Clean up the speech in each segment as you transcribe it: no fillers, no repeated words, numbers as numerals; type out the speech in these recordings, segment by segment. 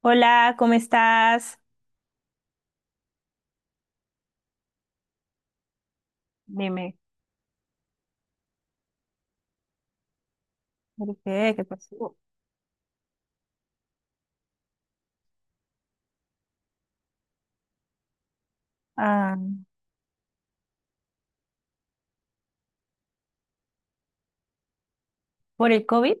Hola, ¿cómo estás? Dime, ¿por qué? ¿Qué pasó? Ah, ¿por el COVID?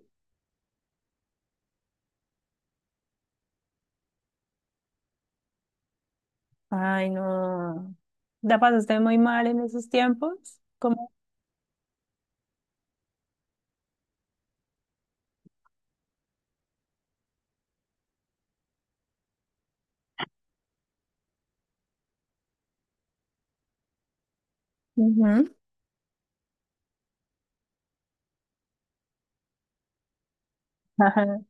Ay, no. La pasaste muy mal en esos tiempos. ¿Cómo? Ujú. Ajá.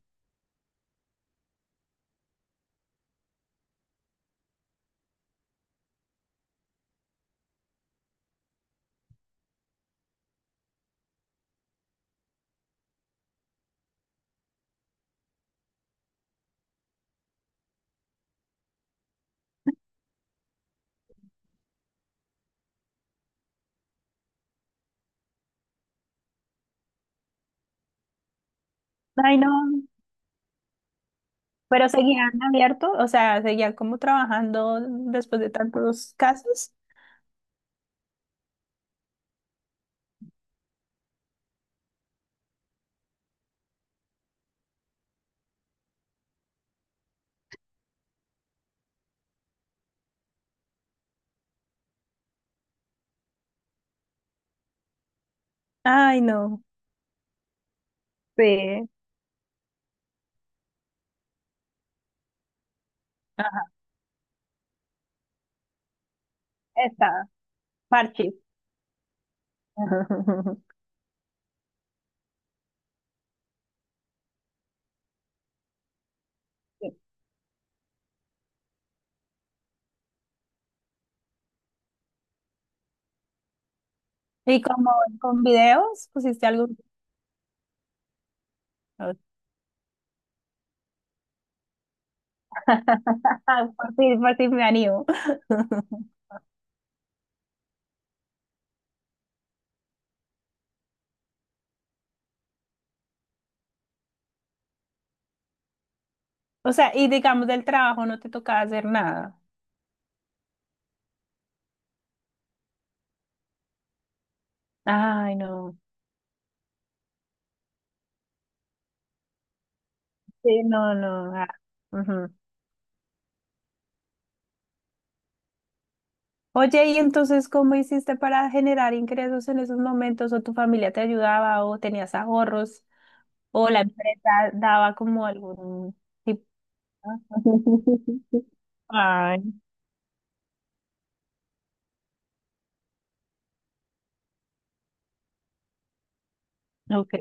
Ay, no. Pero seguían abiertos, o sea, seguían como trabajando después de tantos casos. Ay, no. Sí. Ajá. Está, parche. Sí. ¿Y como con videos? ¿Pusiste algo? Por fin me animo. O sea, y digamos del trabajo no te tocaba hacer nada. Ay, no. Sí, no, no. Ah, ujú. Oye, ¿y entonces cómo hiciste para generar ingresos en esos momentos? ¿O tu familia te ayudaba o tenías ahorros? ¿O la empresa daba como algún tipo? Ay, ok.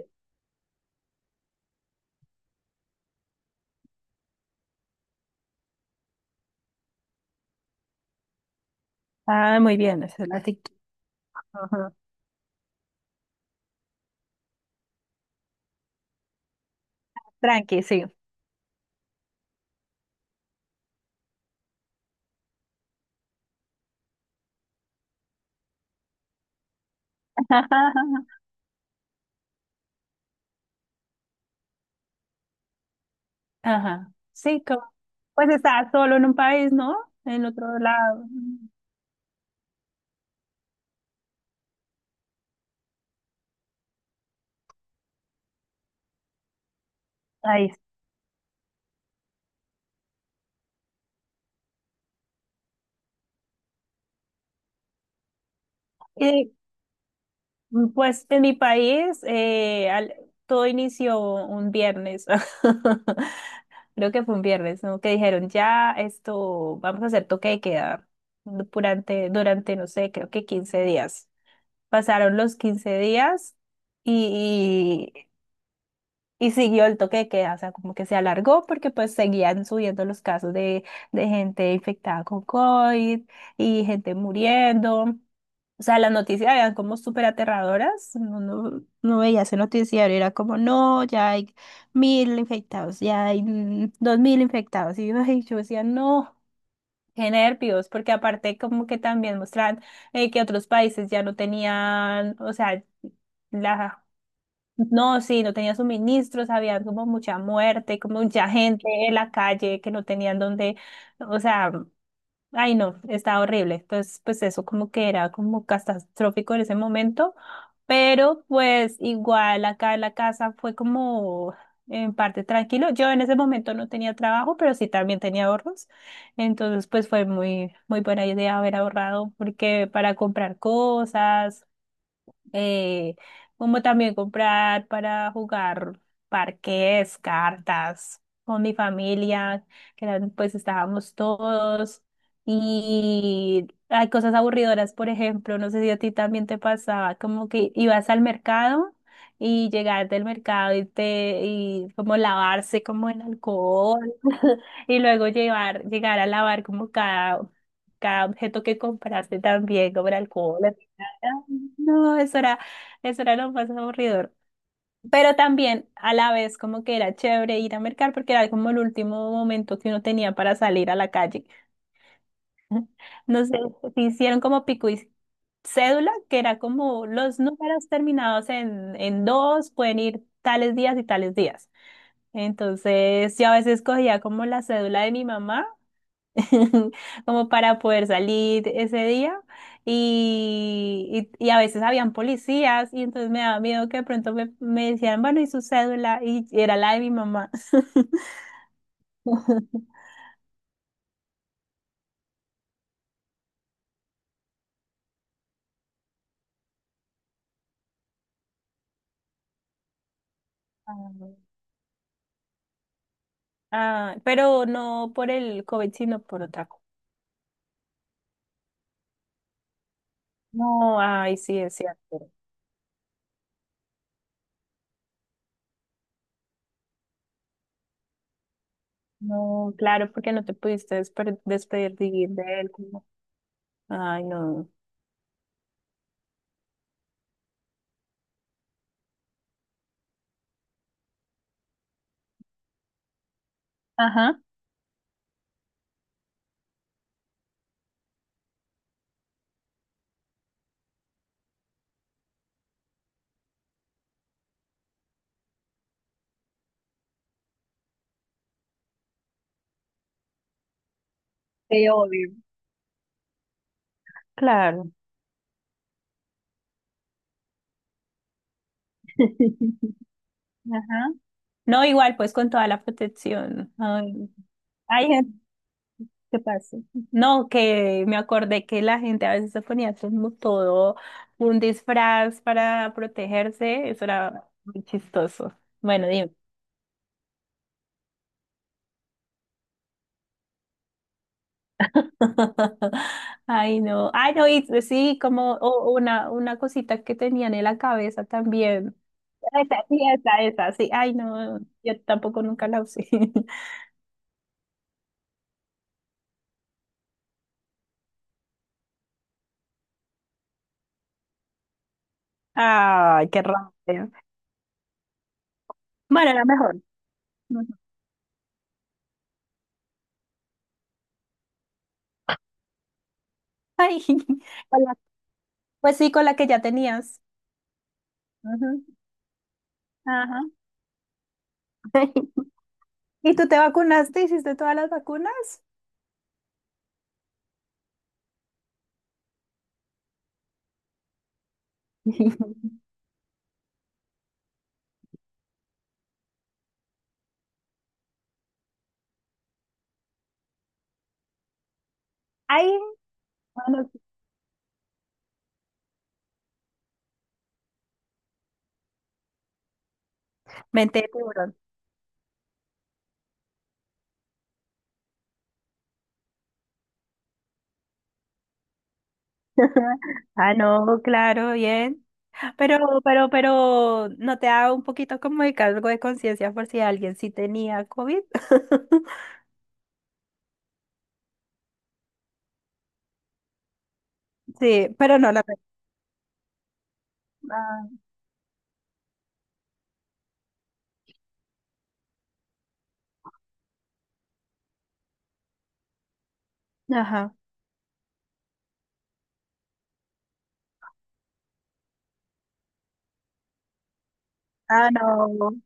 Ah, muy bien, esa es la actitud. Ajá. Tranqui, sí. Ajá. Sí, como, pues estabas solo en un país, ¿no? En otro lado. Ahí está. Pues en mi país todo inició un viernes. Creo que fue un viernes, ¿no? Que dijeron, ya esto, vamos a hacer toque de queda durante, no sé, creo que 15 días. Pasaron los 15 días y, y siguió el toque de queda, o sea, como que se alargó porque pues seguían subiendo los casos de gente infectada con COVID y gente muriendo. O sea, las noticias eran como súper aterradoras. No, no, no veía ese noticiero, era como, no, ya hay 1.000 infectados, ya hay 2.000 infectados. Y yo, ay, yo decía, no, qué nervios, porque aparte como que también mostraban que otros países ya no tenían, o sea, la no, sí, no tenía suministros, había como mucha muerte, como mucha gente en la calle que no tenían dónde, o sea, ay no, estaba horrible. Entonces, pues eso como que era como catastrófico en ese momento, pero pues igual acá en la casa fue como en parte tranquilo. Yo en ese momento no tenía trabajo, pero sí también tenía ahorros. Entonces, pues fue muy, muy buena idea haber ahorrado porque para comprar cosas eh, como también comprar para jugar parques, cartas con mi familia, que eran, pues estábamos todos. Y hay cosas aburridoras, por ejemplo, no sé si a ti también te pasaba, como que ibas al mercado y llegar del mercado y como lavarse como en alcohol y luego llevar llegar a lavar como cada objeto que compraste también como el alcohol. Ah, no, eso era, lo más aburridor. Pero también a la vez como que era chévere ir a mercar porque era como el último momento que uno tenía para salir a la calle. No sé, se hicieron como pico y cédula, que era como los números terminados en dos pueden ir tales días y tales días. Entonces yo a veces cogía como la cédula de mi mamá como para poder salir ese día. Y a veces habían policías y entonces me daba miedo que de pronto me decían, bueno, ¿y su cédula? Y era la de mi mamá. Ah, Ah, pero no por el COVID, sino por otra cosa. No, ay, sí, es cierto. No, claro, porque no te pudiste despedir de él. Ay, no. Ajá, te odio. Claro. Ajá. No, igual, pues con toda la protección. Ay, hay gente que pasa. No, que me acordé que la gente a veces se ponía como todo un disfraz para protegerse. Eso era muy chistoso. Bueno, dime. Ay, no. Ay, no, y sí, como una cosita que tenían en la cabeza también. Ah, esa, sí, esa, sí. Ay, no, yo tampoco nunca la usé. Ay, qué rabia. Bueno, era mejor. Ujú. Ay, hola, pues sí, con la que ya tenías. Ujú. Ajá. ¿Y tú te vacunaste? ¿Hiciste todas las vacunas? Ay, bueno, mente de tiburón. Ah, no, claro, bien. Pero, pero, ¿no te da un poquito como de cargo de conciencia por si alguien sí tenía COVID? Sí, pero no la... Ah, ajá. Ah, no.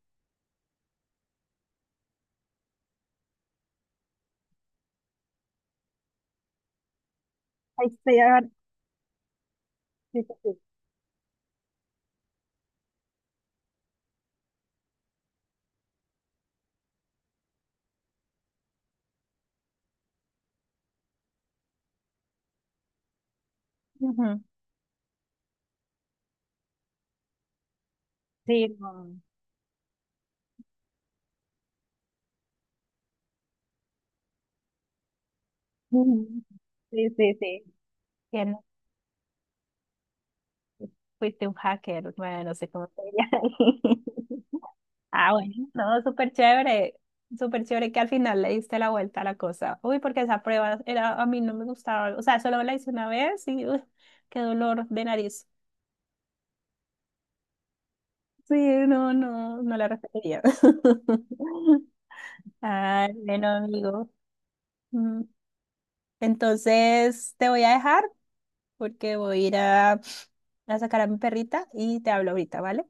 Ay, sí, ah, sí, sí, sí. Ujú. Sí, no. Ujú. Sí, sí, sí. Fuiste un hacker, bueno, no sé cómo sería. Ah, bueno, no, súper chévere que al final le diste la vuelta a la cosa. Uy, porque esa prueba era, a mí no me gustaba, o sea, solo la hice una vez y uy, qué dolor de nariz. Sí, no, no, no la repetiría. Ay, bueno, amigo. Mm, Entonces te voy a dejar porque voy a ir a sacar a mi perrita y te hablo ahorita, ¿vale?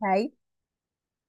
Bye.